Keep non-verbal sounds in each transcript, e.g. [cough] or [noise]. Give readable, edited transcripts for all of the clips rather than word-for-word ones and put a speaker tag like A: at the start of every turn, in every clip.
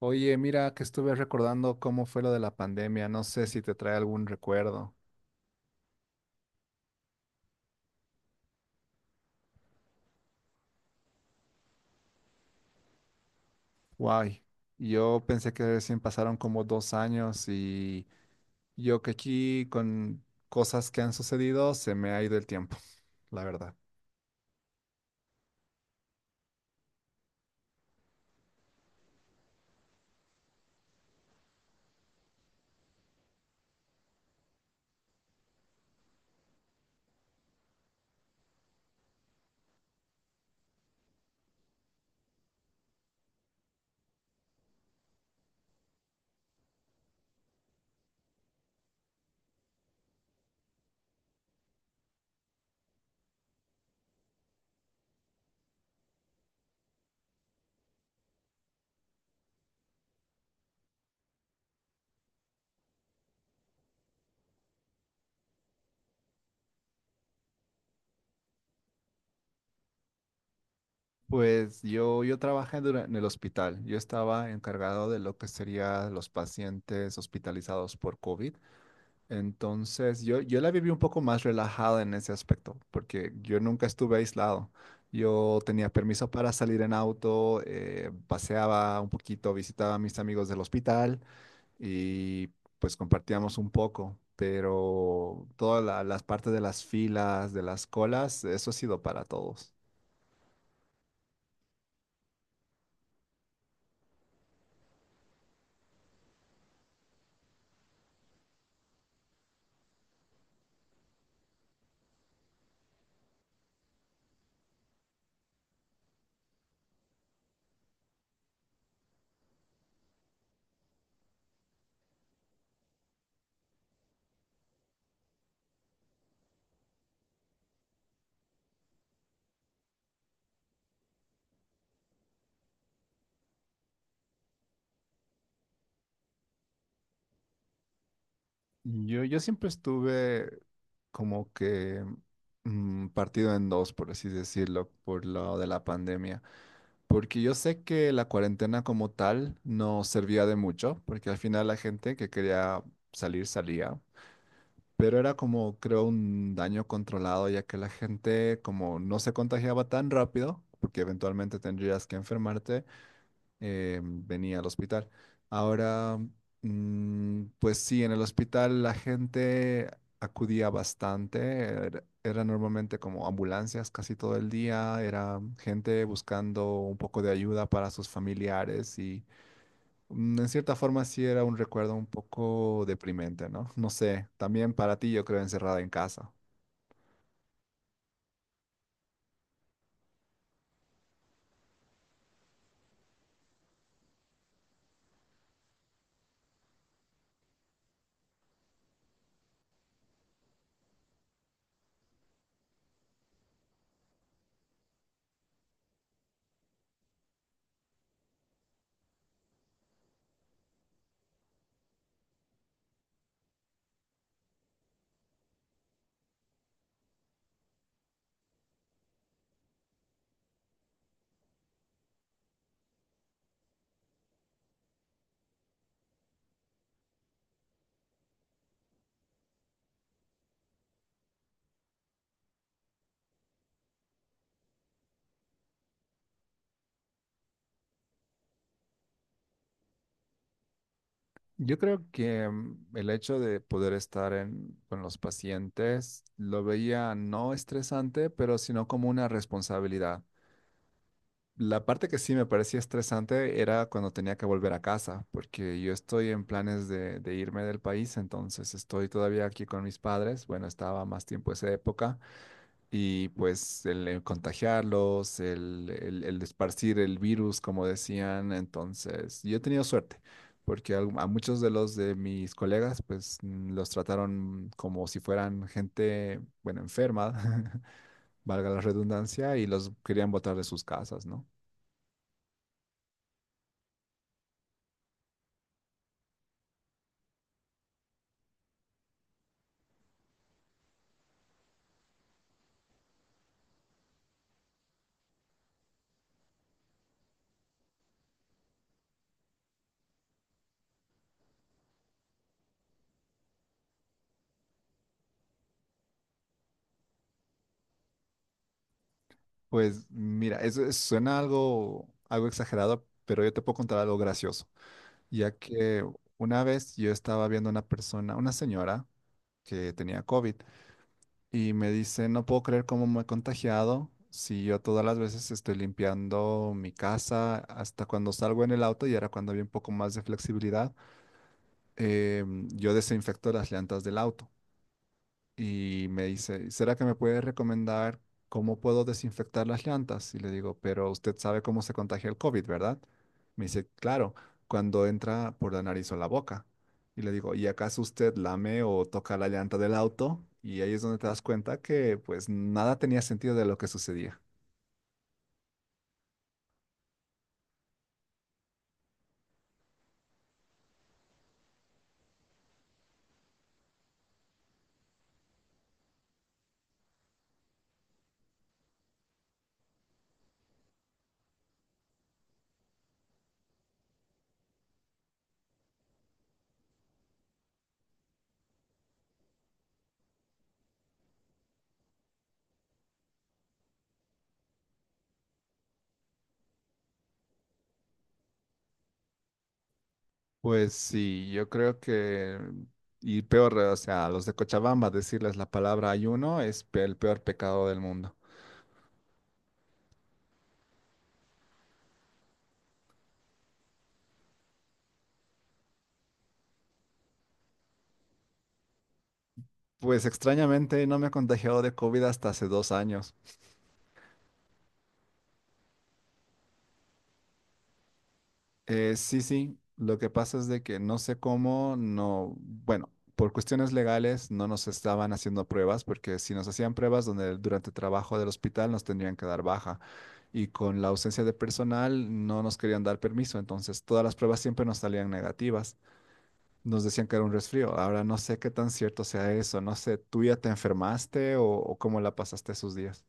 A: Oye, mira que estuve recordando cómo fue lo de la pandemia. No sé si te trae algún recuerdo. Guay. Yo pensé que recién pasaron como dos años y yo que aquí con cosas que han sucedido se me ha ido el tiempo, la verdad. Pues yo trabajé dura- en el hospital. Yo estaba encargado de lo que serían los pacientes hospitalizados por COVID. Entonces, yo la viví un poco más relajada en ese aspecto, porque yo nunca estuve aislado. Yo tenía permiso para salir en auto, paseaba un poquito, visitaba a mis amigos del hospital y pues compartíamos un poco, pero todas la- las partes de las filas, de las colas, eso ha sido para todos. Yo siempre estuve como que partido en dos, por así decirlo, por lo de la pandemia. Porque yo sé que la cuarentena como tal no servía de mucho, porque al final la gente que quería salir salía, pero era como creo un daño controlado, ya que la gente como no se contagiaba tan rápido, porque eventualmente tendrías que enfermarte, venía al hospital. Ahora, pues sí, en el hospital la gente acudía bastante, era normalmente como ambulancias casi todo el día, era gente buscando un poco de ayuda para sus familiares y en cierta forma sí era un recuerdo un poco deprimente, ¿no? No sé, también para ti yo creo encerrada en casa. Yo creo que el hecho de poder estar en- con los pacientes lo veía no estresante, pero sino como una responsabilidad. La parte que sí me parecía estresante era cuando tenía que volver a casa, porque yo estoy en planes de irme del país, entonces estoy todavía aquí con mis padres. Bueno, estaba más tiempo esa época. Y pues el, contagiarlos, el esparcir el virus, como decían. Entonces, yo he tenido suerte, porque al- a, muchos de los de mis colegas, pues los trataron como si fueran gente, bueno, enferma, [laughs] valga la redundancia, y los querían botar de sus casas, ¿no? Pues mira, eso es- suena algo, algo exagerado, pero yo te puedo contar algo gracioso, ya que una vez yo estaba viendo una persona, una señora que tenía COVID y me dice, no puedo creer cómo me he contagiado. Si yo todas las veces estoy limpiando mi casa, hasta cuando salgo en el auto, y era cuando había un poco más de flexibilidad, yo desinfecto las llantas del auto y me dice, ¿será que me puede recomendar cómo puedo desinfectar las llantas? Y le digo, pero usted sabe cómo se contagia el COVID, ¿verdad? Me dice, claro, cuando entra por la nariz o la boca. Y le digo, ¿y acaso usted lame o toca la llanta del auto? Y ahí es donde te das cuenta que pues nada tenía sentido de lo que sucedía. Pues sí, yo creo que, y peor, o sea, a los de Cochabamba decirles la palabra ayuno es pe- el peor pecado del mundo. Pues extrañamente no me he contagiado de COVID hasta hace 2 años. Sí, lo que pasa es de que no sé cómo, no, bueno, por cuestiones legales no nos estaban haciendo pruebas, porque si nos hacían pruebas donde durante el trabajo del hospital nos tendrían que dar baja. Y con la ausencia de personal no nos querían dar permiso, entonces todas las pruebas siempre nos salían negativas. Nos decían que era un resfrío. Ahora no sé qué tan cierto sea eso, no sé, ¿tú ya te enfermaste o cómo la pasaste esos días?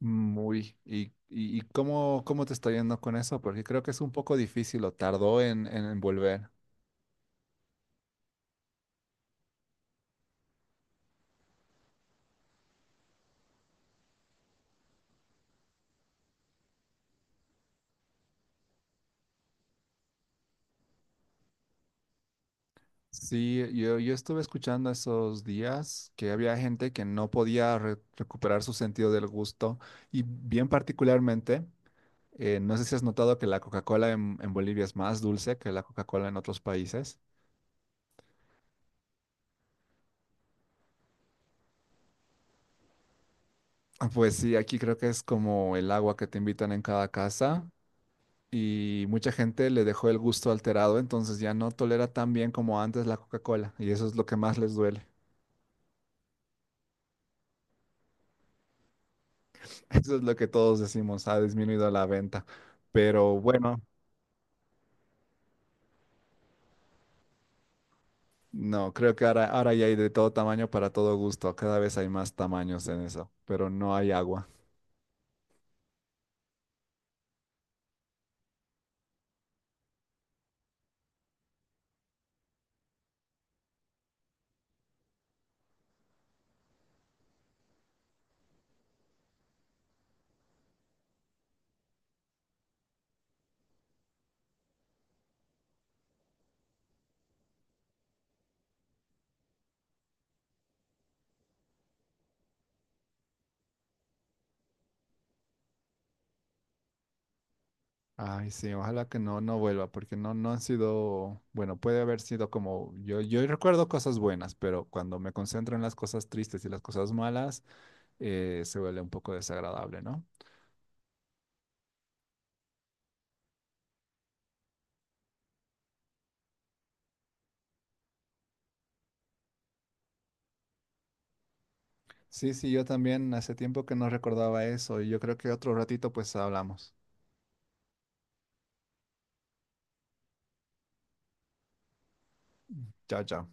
A: Muy. Y cómo, cómo te está yendo con eso? Porque creo que es un poco difícil o tardó en volver. Sí, yo estuve escuchando esos días que había gente que no podía re- recuperar su sentido del gusto y bien particularmente, no sé si has notado que la Coca-Cola en Bolivia es más dulce que la Coca-Cola en otros países. Ah, pues sí, aquí creo que es como el agua que te invitan en cada casa y mucha gente le dejó el gusto alterado, entonces ya no tolera tan bien como antes la Coca-Cola y eso es lo que más les duele. [laughs] Eso es lo que todos decimos, ha disminuido la venta. Pero bueno, no, creo que ahora, ahora ya hay de todo tamaño para todo gusto, cada vez hay más tamaños en eso, pero no hay agua. Ay, sí, ojalá que no, no vuelva, porque no, no han sido, bueno, puede haber sido como, yo recuerdo cosas buenas, pero cuando me concentro en las cosas tristes y las cosas malas, se vuelve un poco desagradable, ¿no? Sí, sí, yo también hace tiempo que no recordaba eso y yo creo que otro ratito pues hablamos. Chao, chao.